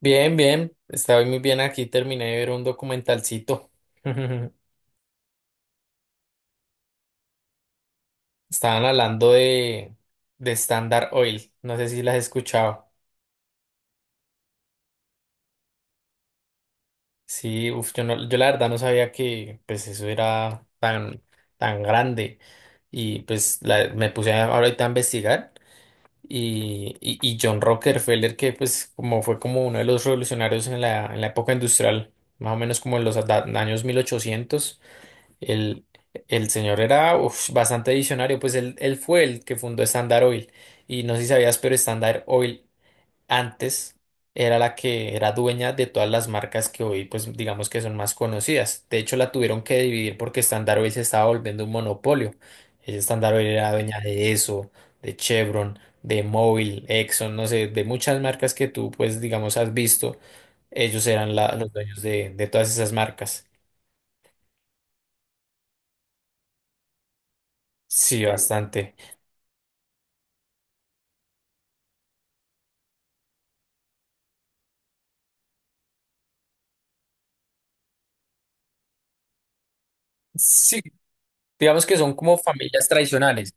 Bien, bien, estoy muy bien aquí, terminé de ver un documentalcito. Estaban hablando de Standard Oil, no sé si las has escuchado. Sí, uf, yo la verdad no sabía que pues eso era tan grande. Y pues ahorita a investigar. Y John Rockefeller, que pues como fue como uno de los revolucionarios en en la época industrial, más o menos como en los años 1800. El, el señor era uf, bastante visionario, pues él fue el que fundó Standard Oil. Y no sé si sabías, pero Standard Oil antes era la que era dueña de todas las marcas que hoy, pues digamos que son más conocidas. De hecho, la tuvieron que dividir porque Standard Oil se estaba volviendo un monopolio. Ella, Standard Oil era dueña de eso, de Chevron, de Mobil, Exxon, no sé, de muchas marcas que tú, pues digamos, has visto. Ellos eran los dueños de todas esas marcas. Sí, bastante. Sí, digamos que son como familias tradicionales.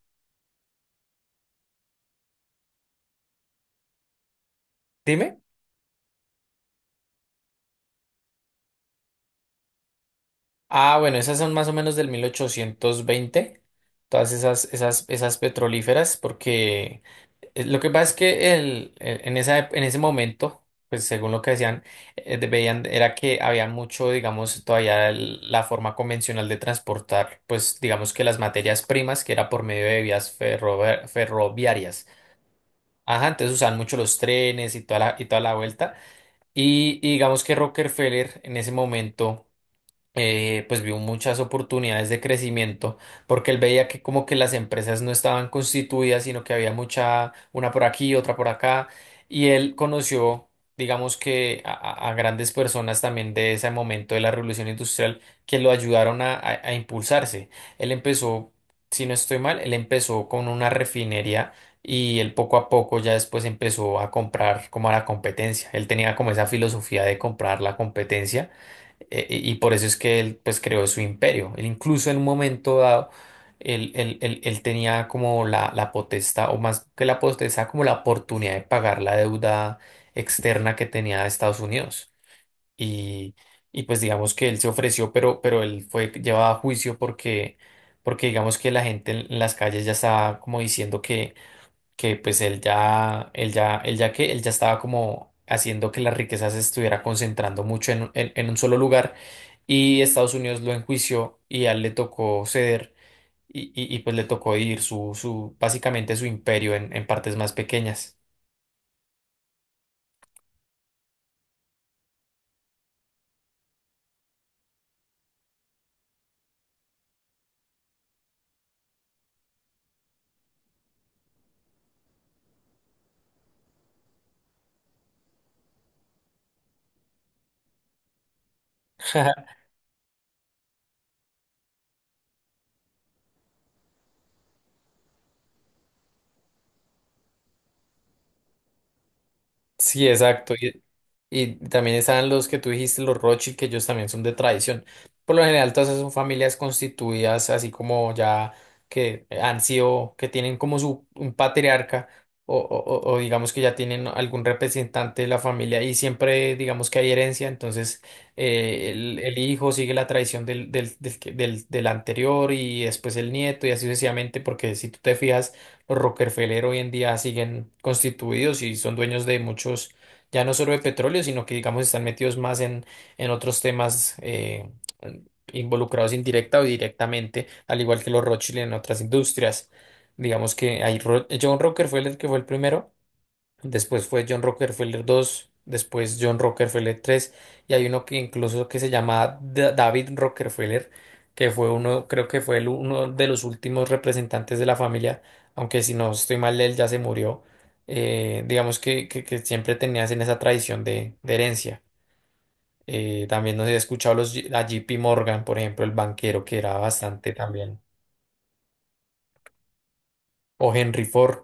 Dime. Ah, bueno, esas son más o menos del 1820 todas esas petrolíferas, porque lo que pasa es que en en ese momento, pues según lo que decían, veían, era que había mucho, digamos, todavía la forma convencional de transportar, pues digamos que las materias primas, que era por medio de vías ferroviarias. Ajá, entonces usaban mucho los trenes y toda la vuelta. Y digamos que Rockefeller en ese momento pues vio muchas oportunidades de crecimiento porque él veía que como que las empresas no estaban constituidas, sino que había mucha, una por aquí, otra por acá, y él conoció, digamos que a grandes personas también de ese momento de la revolución industrial que lo ayudaron a impulsarse. Él empezó, si no estoy mal, él empezó con una refinería. Y él poco a poco ya después empezó a comprar como a la competencia. Él tenía como esa filosofía de comprar la competencia y por eso es que él pues creó su imperio. Él incluso en un momento dado, él tenía como la potestad, o más que la potestad, como la oportunidad de pagar la deuda externa que tenía Estados Unidos. Y, y pues digamos que él se ofreció, pero él fue llevado a juicio porque, porque digamos que la gente en las calles ya estaba como diciendo que pues él ya estaba como haciendo que la riqueza se estuviera concentrando mucho en, en un solo lugar y Estados Unidos lo enjuició y a él le tocó ceder y pues le tocó dividir básicamente su imperio en partes más pequeñas. Sí, exacto. Y también están los que tú dijiste, los Rothschild, que ellos también son de tradición. Por lo general, todas esas son familias constituidas, así como ya que han sido, que tienen como su un patriarca o o digamos que ya tienen algún representante de la familia y siempre digamos que hay herencia, entonces el hijo sigue la tradición del, del, del, que- del del anterior y después el nieto y así sucesivamente, porque si tú te fijas los Rockefeller hoy en día siguen constituidos y son dueños de muchos, ya no solo de petróleo, sino que digamos están metidos más en otros temas involucrados indirecta o directamente, al igual que los Rothschild en otras industrias. Digamos que hay John Rockefeller, que fue el primero. Después fue John Rockefeller dos, después John Rockefeller tres y hay uno que incluso que se llama David Rockefeller, que fue uno, creo que fue el uno de los últimos representantes de la familia, aunque si no estoy mal, él ya se murió. Digamos que siempre tenías en esa tradición de herencia. También nos he escuchado a JP Morgan, por ejemplo, el banquero, que era bastante también, o Henry Ford,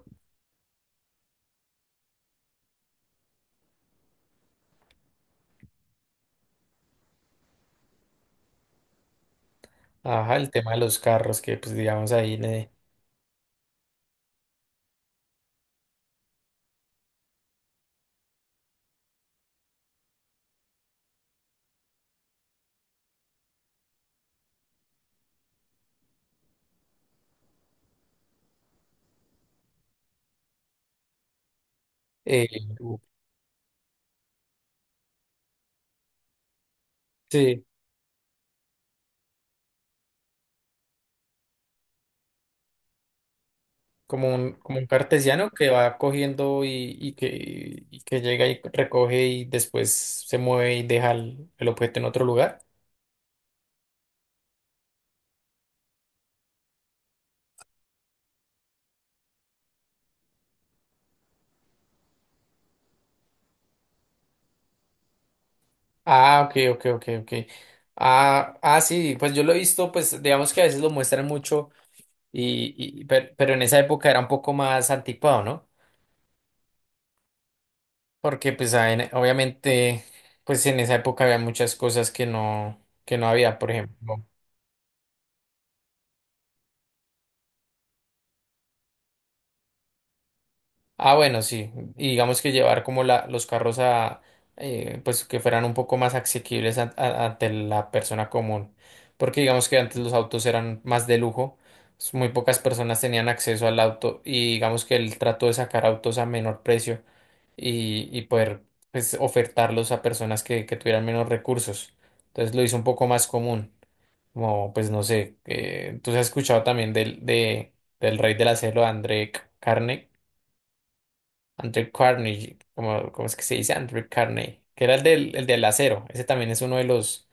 ajá, el tema de los carros, que pues digamos ahí... en, eh, sí. Como un, como un cartesiano que va cogiendo y que llega y recoge y después se mueve y deja el objeto en otro lugar. Ah, ok, ok, ok, ok. Ah, ah, sí, pues yo lo he visto, pues digamos que a veces lo muestran mucho, y, pero, en esa época era un poco más anticuado, ¿no? Porque pues ah, obviamente, pues en esa época había muchas cosas que no había, por ejemplo. Ah, bueno, sí. Y digamos que llevar como los carros a, pues que fueran un poco más asequibles ante la persona común. Porque digamos que antes los autos eran más de lujo, muy pocas personas tenían acceso al auto y digamos que él trató de sacar autos a menor precio y poder pues, ofertarlos a personas que tuvieran menos recursos. Entonces lo hizo un poco más común. Como, pues no sé, tú has escuchado también de, del rey de la selva, André Carnegie. Andrew Carnegie, como, ¿cómo es que se dice? Andrew Carnegie, que era el del acero. Ese también es uno de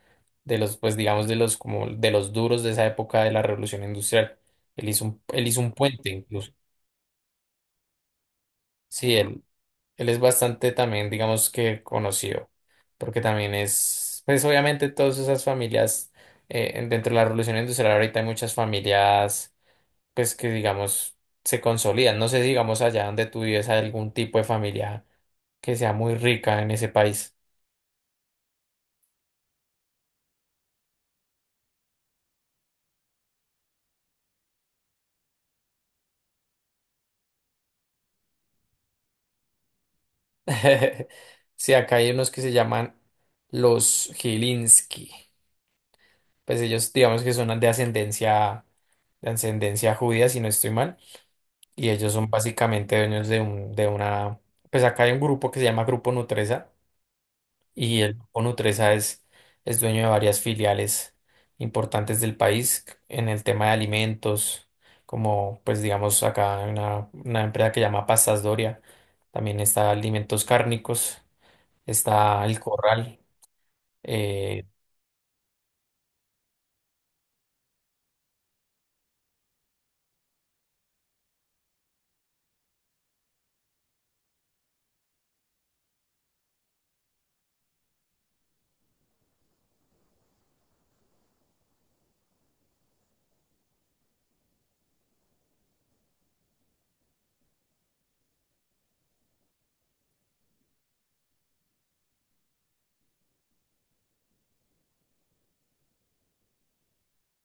de los, pues digamos, de los, como de los duros de esa época de la Revolución Industrial. Él hizo un puente incluso. Sí, él es bastante también, digamos que conocido, porque también es, pues obviamente todas esas familias, dentro de la Revolución Industrial ahorita hay muchas familias pues que digamos se consolidan. No sé, si, digamos allá donde tú vives hay algún tipo de familia que sea muy rica en ese país. Sí, acá hay unos que se llaman los Gilinski. Pues ellos digamos que son de ascendencia judía, si no estoy mal. Y ellos son básicamente dueños de una, pues acá hay un grupo que se llama Grupo Nutresa y el Grupo Nutresa es dueño de varias filiales importantes del país en el tema de alimentos, como pues digamos acá hay una empresa que llama Pastas Doria, también está Alimentos Cárnicos, está El Corral. Eh,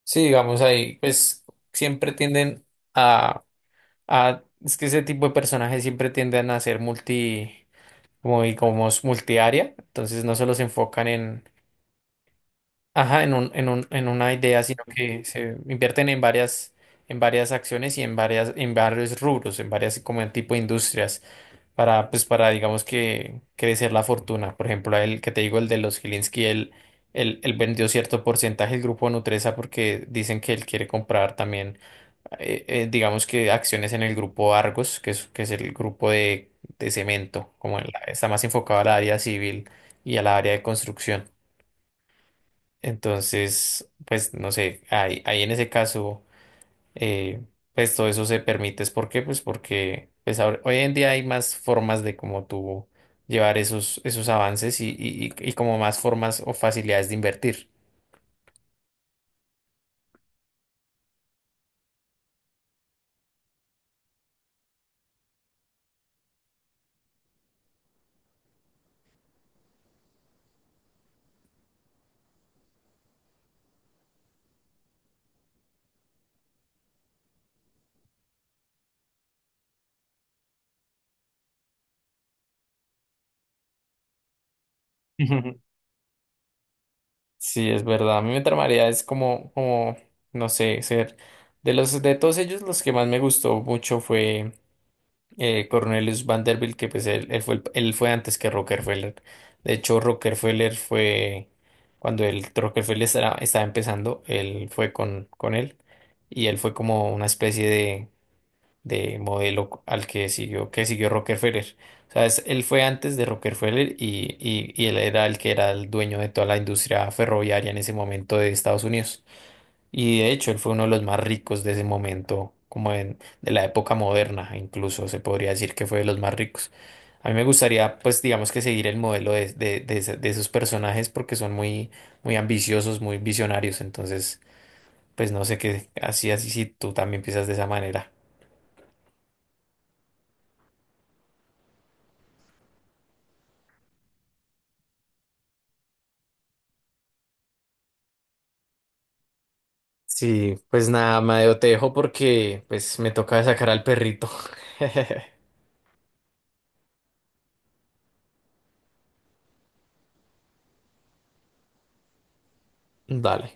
sí, digamos ahí, pues siempre tienden a, es que ese tipo de personajes siempre tienden a ser multi, como, y como multiárea, entonces no solo se enfocan. Ajá, en un, en una idea, sino que se invierten en varias acciones y en varias, en varios rubros, en varias como en tipo de industrias, para, pues, para, digamos que crecer la fortuna. Por ejemplo, el que te digo, el de los Gilinski, él vendió cierto porcentaje del grupo Nutresa porque dicen que él quiere comprar también, digamos que acciones en el grupo Argos, que es el grupo de cemento, como en está más enfocado al área civil y al área de construcción. Entonces, pues no sé, ahí en ese caso, eh, pues todo eso se permite. ¿Es? ¿Por qué? Pues porque pues, hoy en día hay más formas de cómo tú llevar esos, esos avances y, como más formas o facilidades de invertir. Sí, es verdad. A mí me tramaría es como, como, no sé, ser de los de todos ellos los que más me gustó mucho fue Cornelius Vanderbilt, que pues él fue, él fue antes que Rockefeller. De hecho, Rockefeller fue, cuando el Rockefeller estaba, estaba empezando, él fue con él y él fue como una especie de modelo al que siguió Rockefeller. O sea, él fue antes de Rockefeller y él era el que era el dueño de toda la industria ferroviaria en ese momento de Estados Unidos. Y de hecho, él fue uno de los más ricos de ese momento, como en, de la época moderna, incluso se podría decir que fue de los más ricos. A mí me gustaría, pues, digamos que seguir el modelo de de esos personajes porque son muy, muy ambiciosos, muy visionarios. Entonces, pues, no sé qué, así, así, si tú también piensas de esa manera. Sí, pues nada, Madeo, te dejo porque, pues, me toca sacar al perrito. Dale.